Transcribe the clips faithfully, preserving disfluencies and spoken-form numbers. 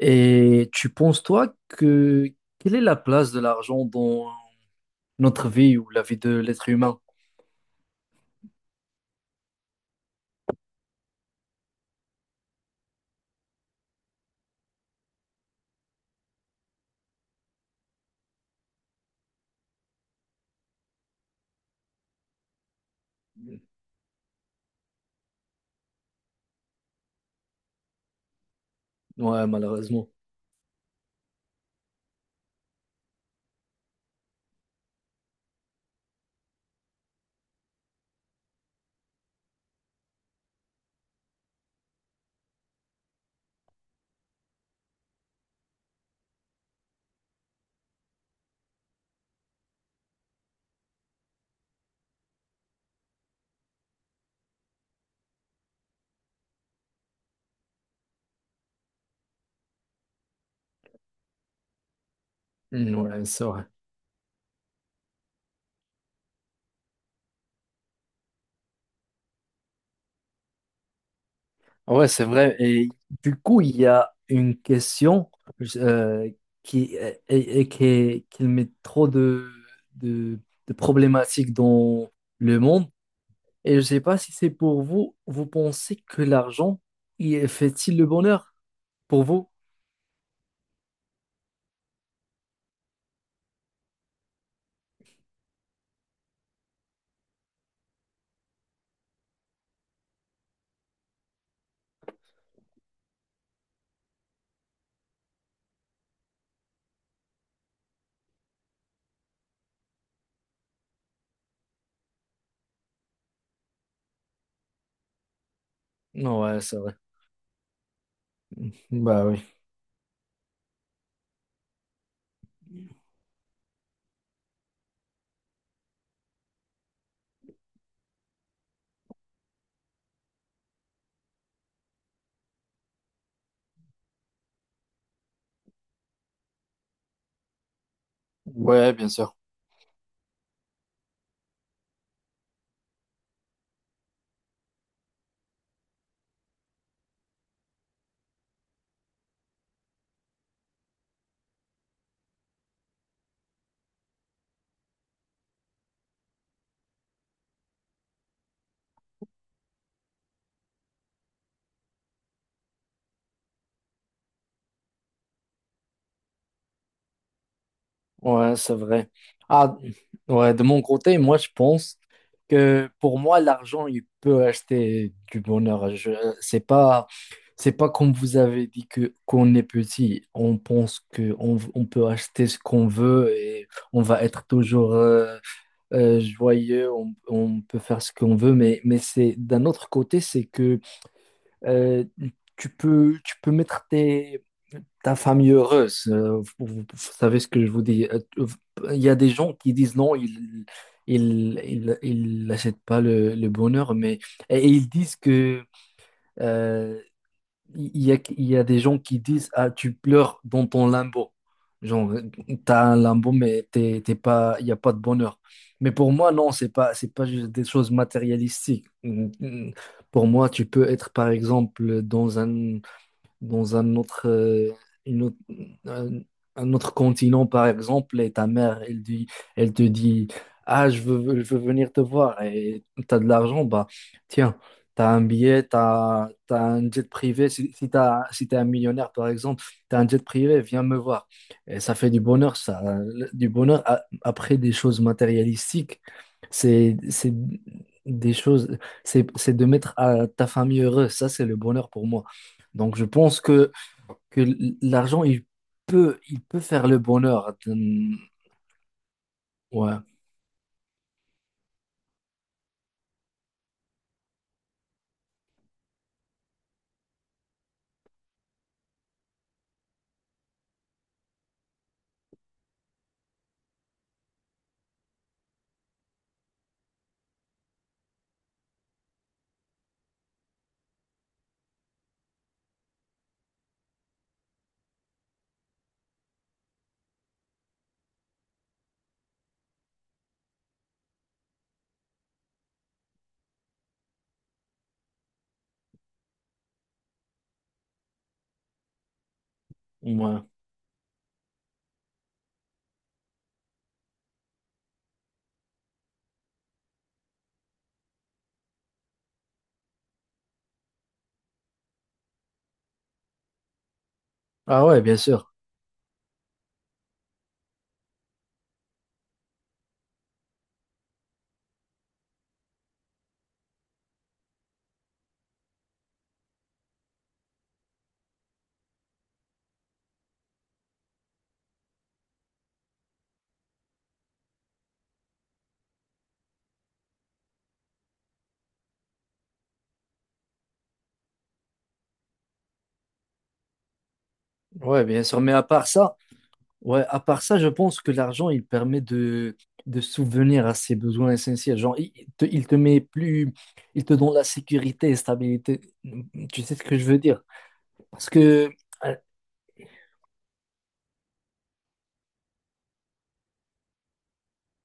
Et tu penses, toi, que quelle est la place de l'argent dans notre vie ou la vie de l'être humain? Ouais, malheureusement. Mm, ouais, c'est vrai. Ouais, c'est vrai. Et du coup, il y a une question euh, qui, et, et qui, qui met trop de, de, de problématiques dans le monde. Et je ne sais pas si c'est pour vous, vous pensez que l'argent il fait-il le bonheur pour vous? Non, ouais, c'est vrai. Bah oui. Ouais, bien sûr. Ouais, c'est vrai. Ah, ouais, de mon côté, moi, je pense que pour moi, l'argent, il peut acheter du bonheur. Je, c'est pas, c'est pas comme vous avez dit que qu'on est petit, on pense que on, on peut acheter ce qu'on veut et on va être toujours euh, euh, joyeux, on, on peut faire ce qu'on veut. Mais, mais c'est d'un autre côté, c'est que euh, tu peux, tu peux mettre tes ta famille heureuse. Euh, vous, vous- vous savez ce que je vous dis. Euh, Il y a des gens qui disent non, ils ils, ils, ils n'achètent pas le, le bonheur, mais et et ils disent que euh, il y a, il y a des gens qui disent ah tu pleures dans ton limbo. Genre t'as un limbo mais t'es, t'es pas, il y a pas de bonheur. Mais pour moi non, c'est pas c'est pas juste des choses matérialistiques. Pour moi, tu peux être par exemple dans un dans un autre, euh, une autre- un, un autre continent, par exemple, et ta mère, elle dit, elle te dit, ah, je veux, je veux venir te voir et tu as de l'argent, bah tiens, tu as un billet, tu as, un jet privé. Si, si t'as si t'es un millionnaire, par exemple, tu as un jet privé, viens me voir. Et ça fait du bonheur, ça. Du bonheur a- après des choses matérialistiques, c'est, c'est des choses, c'est, c'est de mettre à ta famille heureuse. Ça, c'est le bonheur pour moi. Donc, je pense que, que l'argent, il peut, il peut faire le bonheur. Hum, Ouais, ouais. Ah ouais, bien sûr. Ouais, bien sûr. Mais à part ça, ouais, à part ça, je pense que l'argent, il permet de, de souvenir à ses besoins essentiels. Genre, il il te, il te met plus, il te donne la sécurité et stabilité. Tu sais ce que je veux dire? Parce que, euh,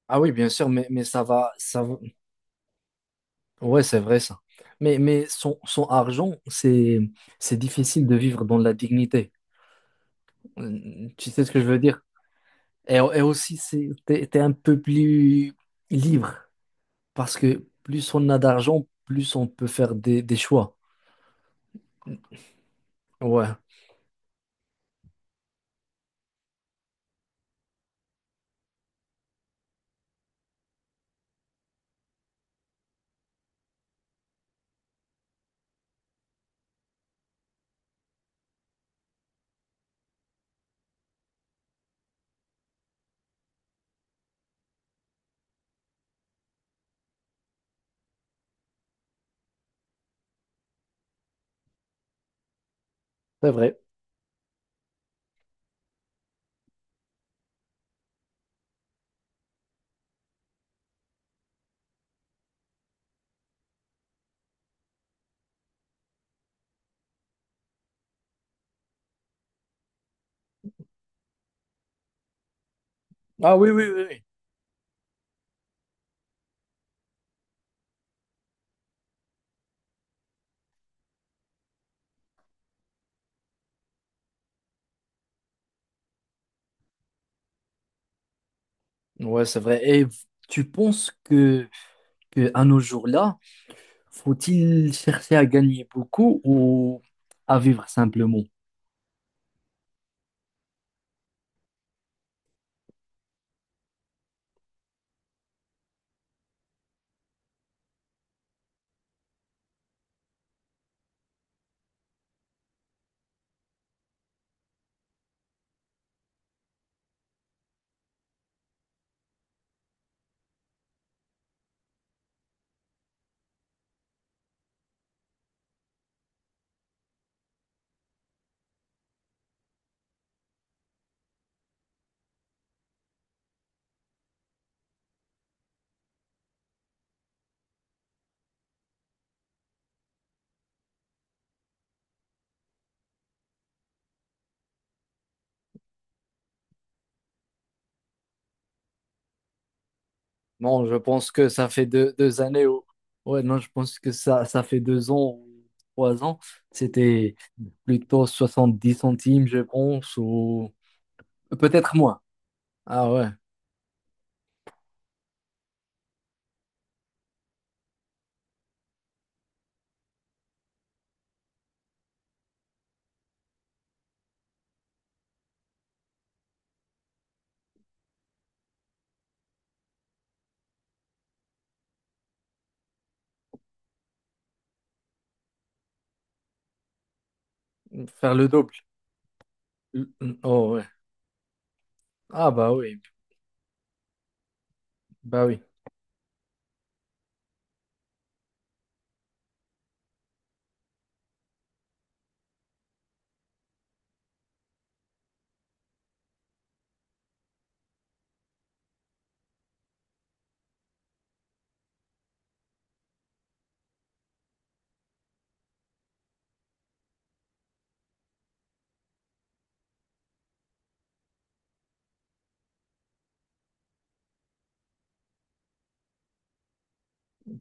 ah oui, bien sûr, mais, mais ça va, ça va. Ouais, c'est vrai ça. Mais, mais son, son argent, c'est, c'est difficile de vivre dans la dignité. Euh, Tu sais ce que je veux dire? Et, et aussi, c'est, t'es, t'es un peu plus libre parce que plus on a d'argent, plus on peut faire des, des choix. Ouais, c'est vrai. Ah oui, oui, oui, oui. Ouais, c'est vrai. Et tu penses que, que à nos jours-là, faut-il chercher à gagner beaucoup ou à vivre simplement? Non, je pense que ça fait deux, deux années ou... Ouais, non, je pense que ça, ça fait deux ans ou trois ans. C'était plutôt soixante dix centimes, je pense, ou peut-être moins. Ah ouais, faire le double. L- Oh ouais. Ah bah oui, bah oui.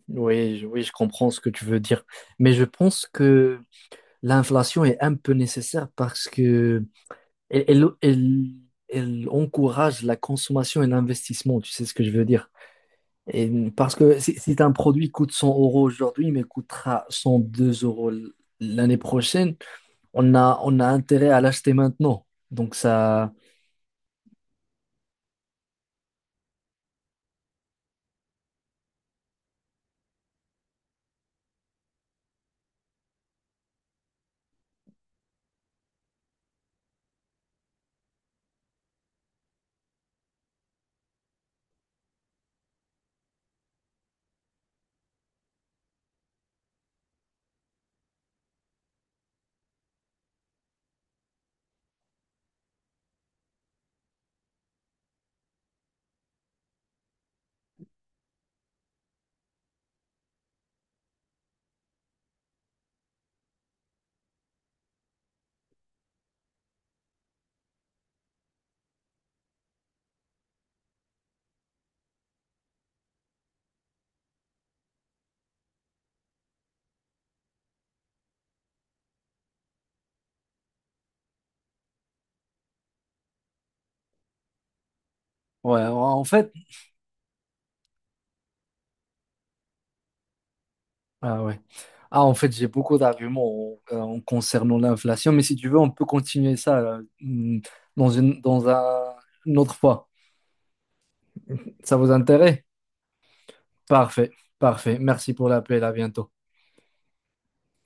Oui, je, oui, je comprends ce que tu veux dire. Mais je pense que l'inflation est un peu nécessaire parce que elle, elle, elle elle encourage la consommation et l'investissement, tu sais ce que je veux dire. Et parce que si, si un produit coûte cent euros aujourd'hui, mais coûtera cent deux euros l- l'année prochaine, on a, on a intérêt à l'acheter maintenant. Donc ça, ouais, en fait, ah ouais. Ah, en fait, j'ai beaucoup d'arguments euh, en, concernant l'inflation, mais si tu veux, on peut continuer ça là, mm, dans une, dans un, une autre fois. Ça vous intéresse? Parfait, parfait. Merci pour l'appel, à bientôt.